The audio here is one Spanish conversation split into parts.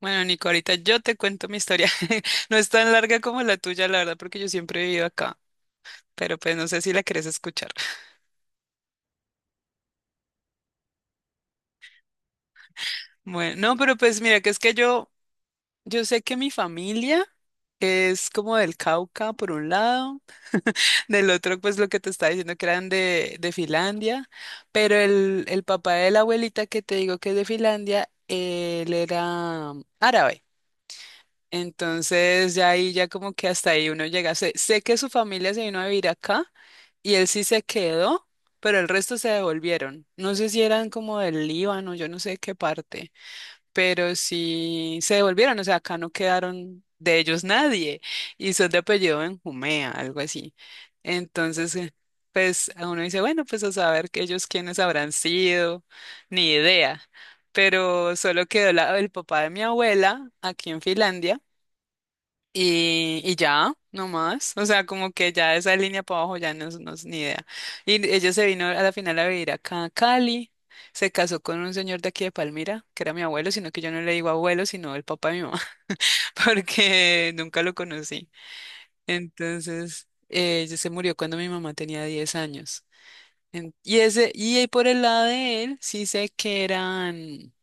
Bueno, Nico, ahorita yo te cuento mi historia. No es tan larga como la tuya, la verdad, porque yo siempre he vivido acá, pero pues no sé si la quieres escuchar. Bueno, no, pero pues mira, que es que yo sé que mi familia es como del Cauca, por un lado, del otro, pues lo que te estaba diciendo que eran de Finlandia, pero el papá de la abuelita que te digo que es de Finlandia, él era árabe. Entonces ya ahí, ya como que hasta ahí uno llega. Sé que su familia se vino a vivir acá y él sí se quedó, pero el resto se devolvieron. No sé si eran como del Líbano, yo no sé qué parte, pero sí se devolvieron, o sea, acá no quedaron de ellos nadie y son de apellido Benjumea, algo así. Entonces, pues a uno dice, bueno, pues a saber que ellos quiénes habrán sido, ni idea. Pero solo quedó el papá de mi abuela aquí en Finlandia y ya, no más. O sea, como que ya esa línea para abajo ya no es ni idea. Y ella se vino a la final a vivir acá a Cali. Se casó con un señor de aquí de Palmira, que era mi abuelo, sino que yo no le digo abuelo, sino el papá de mi mamá, porque nunca lo conocí. Entonces, ella se murió cuando mi mamá tenía 10 años. Y ahí por el lado de él, sí sé que eran,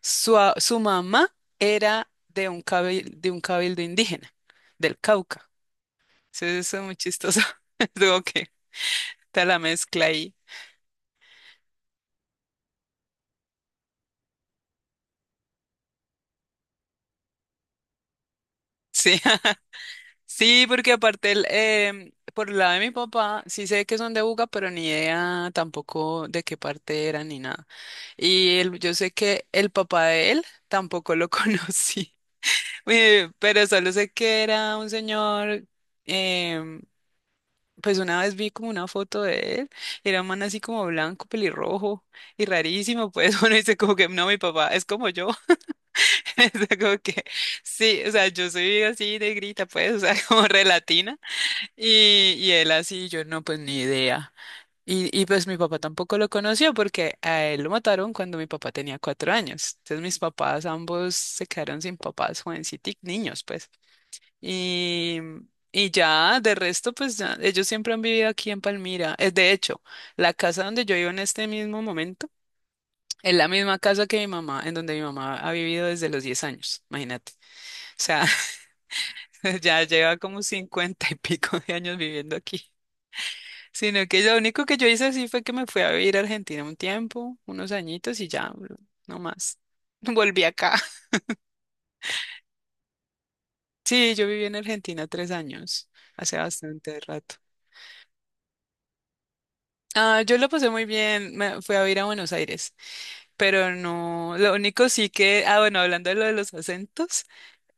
su mamá era de un cabildo indígena, del Cauca. Sí, eso es muy chistoso. Digo que está la mezcla ahí. Sí, sí, porque aparte, por el lado de mi papá, sí sé que son de Buga, pero ni idea tampoco de qué parte eran ni nada. Y yo sé que el papá de él tampoco lo conocí. Pero solo sé que era un señor, em, pues una vez vi como una foto de él, y era un man así como blanco, pelirrojo y rarísimo. Pues uno dice como que no, mi papá es como yo. O sea, como que, sí, o sea, yo soy así negrita, pues, o sea, como relatina. Y él así, yo no, pues ni idea. Y pues mi papá tampoco lo conoció porque a él lo mataron cuando mi papá tenía 4 años. Entonces mis papás ambos se quedaron sin papás, jovencitos, niños, pues. Y, y ya, de resto, pues ya, ellos siempre han vivido aquí en Palmira. Es de hecho la casa donde yo vivo en este mismo momento. Es la misma casa que mi mamá, en donde mi mamá ha vivido desde los 10 años, imagínate. O sea, ya lleva como 50 y pico de años viviendo aquí. Sino que lo único que yo hice así fue que me fui a vivir a Argentina un tiempo, unos añitos y ya, no más. Volví acá. Sí, yo viví en Argentina 3 años, hace bastante rato. Ah, yo lo pasé muy bien, me fui a vivir a Buenos Aires, pero no, lo único sí. Que, ah, bueno, hablando de lo de los acentos,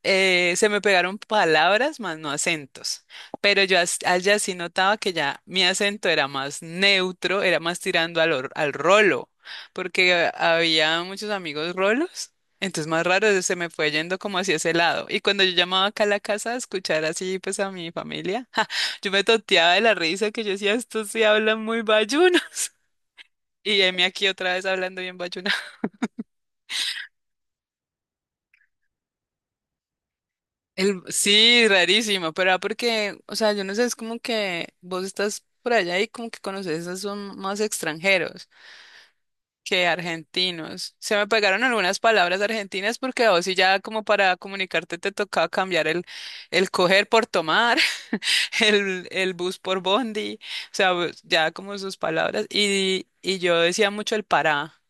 se me pegaron palabras más no acentos, pero yo allá sí notaba que ya mi acento era más neutro, era más tirando al rolo, porque había muchos amigos rolos, entonces más raro se me fue yendo como hacia ese lado. Y cuando yo llamaba acá a la casa a escuchar así pues a mi familia, ja, yo me toteaba de la risa. Que yo decía, estos sí hablan muy bayunos. Y heme aquí otra vez hablando bien bayuno. Sí, rarísimo, pero ah, porque, o sea, yo no sé, es como que vos estás por allá y como que conoces, a son más extranjeros que argentinos. Se me pegaron algunas palabras argentinas porque a vos sí ya como para comunicarte te tocaba cambiar el coger por tomar, el bus por bondi, o sea, ya como sus palabras. Y yo decía mucho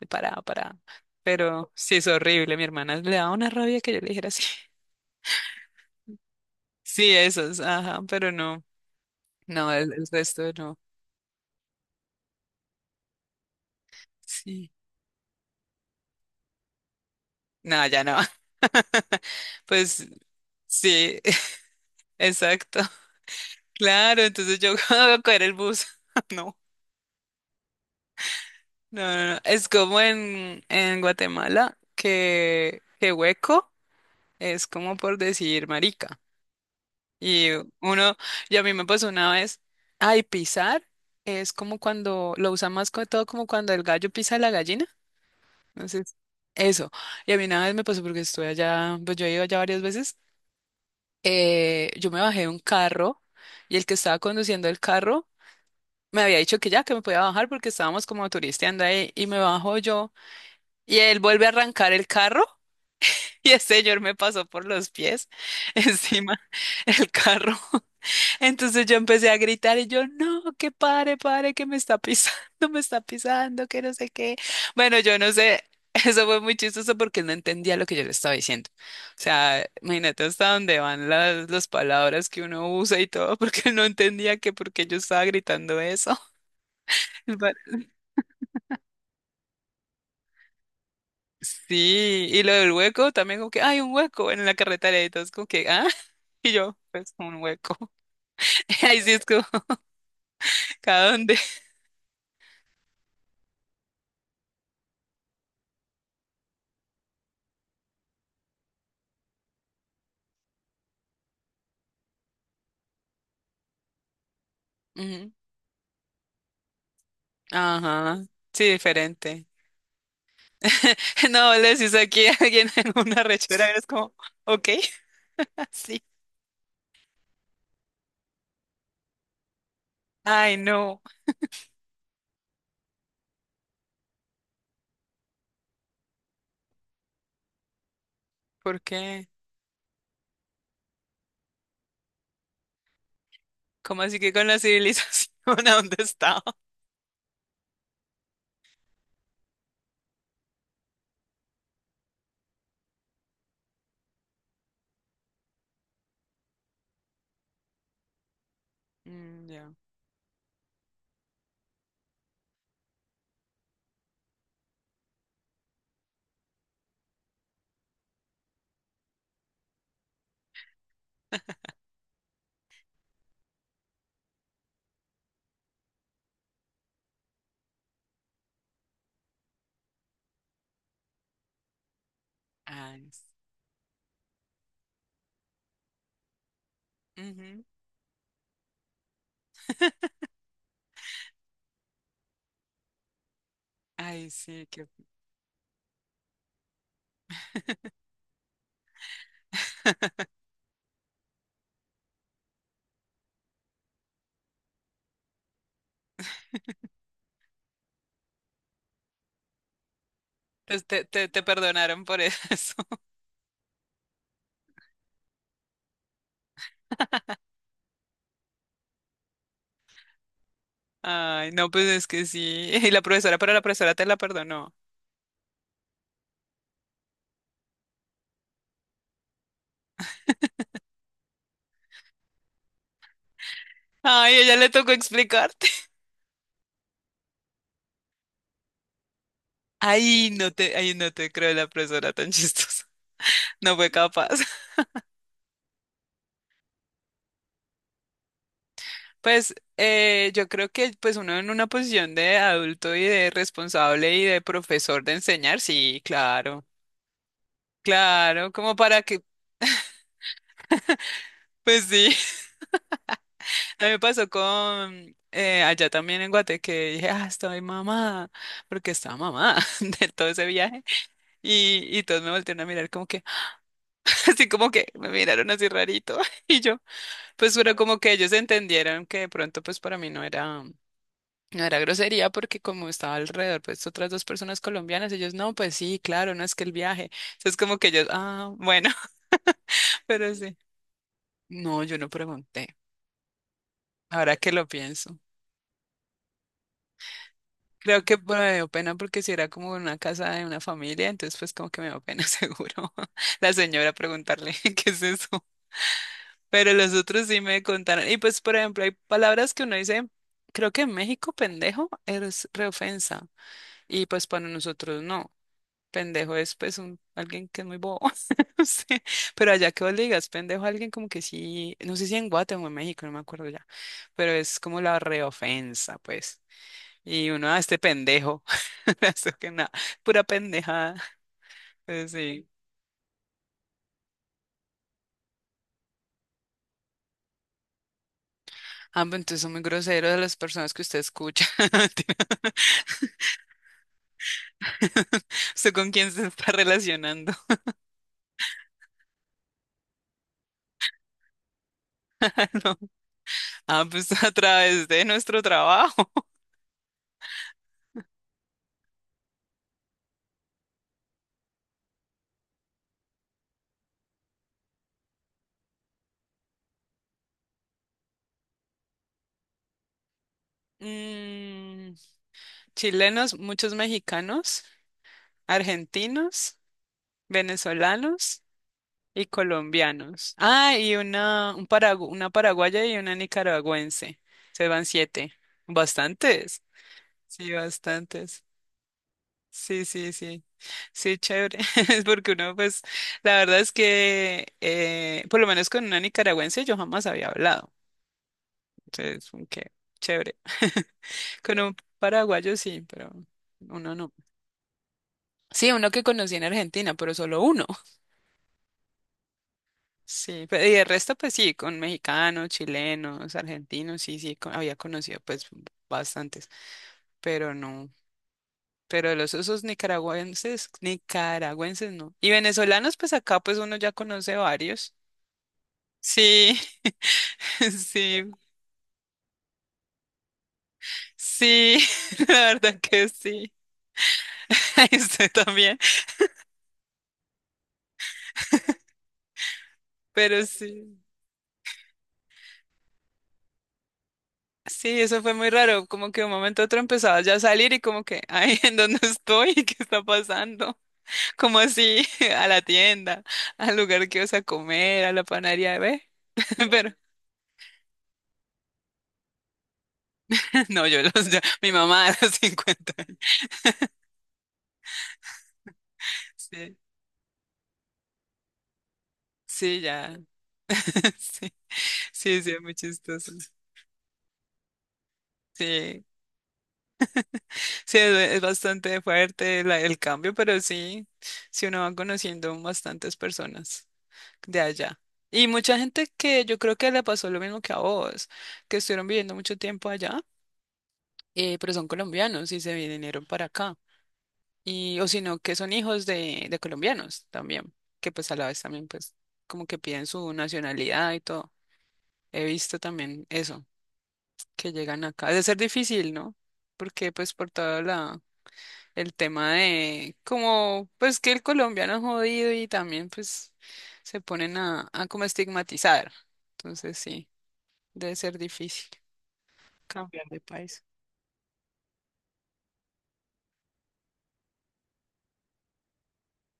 el pará, pará. Pero sí es horrible, mi hermana le daba una rabia que yo le dijera así. Sí, esos, ajá, pero no. No, el resto no. Sí. No, ya no. Pues sí, exacto. Claro, entonces yo voy a coger el bus. No, no, no, no. Es como en, Guatemala que, hueco es como por decir marica. Y uno, y a mí me pasó una vez, ay, pisar es como cuando lo usan más que todo como cuando el gallo pisa a la gallina. Entonces, eso. Y a mí una vez me pasó porque estuve allá, pues yo he ido allá varias veces. Yo me bajé de un carro y el que estaba conduciendo el carro me había dicho que ya, que me podía bajar porque estábamos como turisteando ahí y me bajo yo y él vuelve a arrancar el carro y el señor me pasó por los pies encima el carro. Entonces yo empecé a gritar y yo, no, que pare, pare, que me está pisando, me está pisando, que no sé qué. Bueno, yo no sé, eso fue muy chistoso porque no entendía lo que yo le estaba diciendo. O sea, imagínate hasta dónde van las palabras que uno usa y todo, porque no entendía que por qué yo estaba gritando eso. Pero- Sí, y lo del hueco también como que, hay un hueco en la carretera y todo, es como que, ah, y yo, pues un hueco. Ahí sí es como, ¿cada dónde? Ujú, ajá, sí, diferente. No, le decís aquí a alguien en una rechera, eres como, ok, así. Ay, no, ¿por qué? ¿Cómo así que con la civilización a dónde estaba? Mm, ya. Ay, ujú. Ay, sí, que pues te perdonaron por eso. Ay, no, pues es que sí. Pero la profesora te la perdonó. Ay, ella le tocó explicarte. Ay, no te creo. La profesora tan chistosa. No fue capaz. Pues yo creo que pues uno en una posición de adulto y de responsable y de profesor de enseñar, sí, claro, claro, como para que, pues sí, a mí me pasó con allá también en Guate que dije, ah, estoy mamada, porque estaba mamada de todo ese viaje y todos me voltearon a mirar como que, así como que me miraron así rarito y yo, pues pero como que ellos entendieron que de pronto pues para mí no era... No era grosería porque como estaba alrededor, pues otras dos personas colombianas, ellos, no, pues sí, claro, no es que el viaje. Entonces como que ellos, ah, bueno, pero sí. No, yo no pregunté. Ahora que lo pienso. Creo que bueno, me dio pena porque si era como una casa de una familia, entonces pues como que me dio pena seguro la señora preguntarle qué es eso. Pero los otros sí me contaron. Y pues, por ejemplo, hay palabras que uno dice, creo que en México pendejo es reofensa. Y pues para nosotros no. Pendejo es pues alguien que es muy bobo. No. Pero allá que vos le digas pendejo a alguien como que sí, no sé si en Guatemala o en México, no me acuerdo ya, pero es como la reofensa, pues. Y uno a este pendejo, eso que nada, pura pendejada. Pues sí. Ah, pues entonces son muy groseros de las personas que usted escucha. Mentira. ¿Usted con quién se está relacionando? No. Ah, pues a través de nuestro trabajo. Mm, Chilenos, muchos mexicanos, argentinos, venezolanos y colombianos. Ah, y una paraguaya y una nicaragüense. Se van siete. Bastantes. Sí, bastantes. Sí, sí, sí. Sí, chévere. Es porque uno, pues, la verdad es que, por lo menos con una nicaragüense yo jamás había hablado. Entonces, que chévere. Con un paraguayo sí, pero uno no. Sí, uno que conocí en Argentina, pero solo uno. Sí, y el resto, pues sí, con mexicanos, chilenos, argentinos, sí, sí, había conocido, pues, bastantes, pero no. Pero los esos nicaragüenses, nicaragüenses no. Y venezolanos, pues acá, pues uno ya conoce varios. Sí, sí, sí, la verdad que sí. Ahí estoy también, pero sí, sí, eso fue muy raro, como que de un momento a otro empezaba ya a salir y como que, ay, ¿en dónde estoy? ¿Qué está pasando? Como así, a la tienda, al lugar que vas a comer, a la panadería, ¿ve? Pero, no, mi mamá a los 50 años, sí, sí, ya, sí, sí, sí, es muy chistoso, sí. Sí, es bastante fuerte el cambio, pero sí, sí uno va conociendo bastantes personas de allá. Y mucha gente que yo creo que le pasó lo mismo que a vos, que estuvieron viviendo mucho tiempo allá, pero son colombianos y se vinieron para acá. Y, o si no, que son hijos de colombianos también, que pues a la vez también pues como que piden su nacionalidad y todo. He visto también eso, que llegan acá. Debe ser difícil, ¿no? Porque pues por toda la el tema de como pues que el colombiano es jodido y también pues se ponen a como estigmatizar. Entonces sí, debe ser difícil cambiar de país.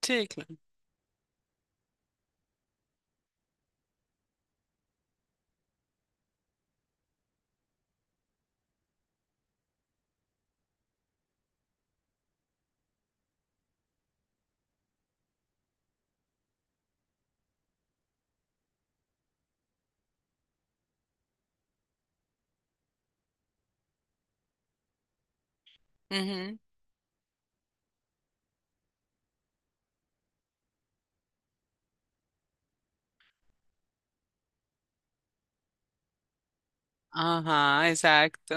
Sí, claro. Ujú. Ajá, exacto.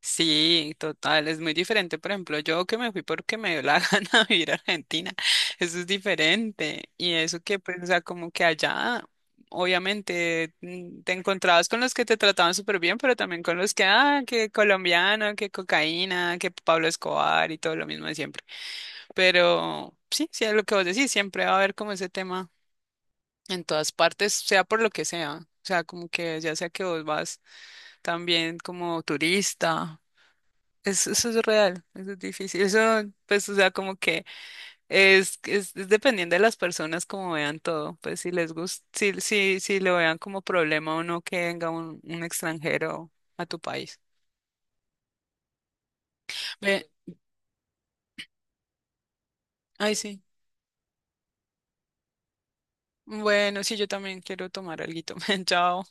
Sí, total, es muy diferente. Por ejemplo, yo que me fui porque me dio la gana de ir a Argentina, eso es diferente. Y eso que, pues, o sea, como que allá, obviamente, te encontrabas con los que te trataban súper bien, pero también con los que, ah, que colombiano, que cocaína, que Pablo Escobar y todo lo mismo de siempre. Pero sí, sí, es lo que vos decís, siempre va a haber como ese tema en todas partes, sea por lo que sea. O sea, como que ya sea que vos vas también como turista eso es real, eso es difícil. Eso, pues, o sea, como que es dependiendo de las personas como vean todo. Pues si les gusta, si, si, si lo vean como problema o no que venga un extranjero a tu país. Ve, ay, sí. Bueno, sí, yo también quiero tomar alguito. Chao.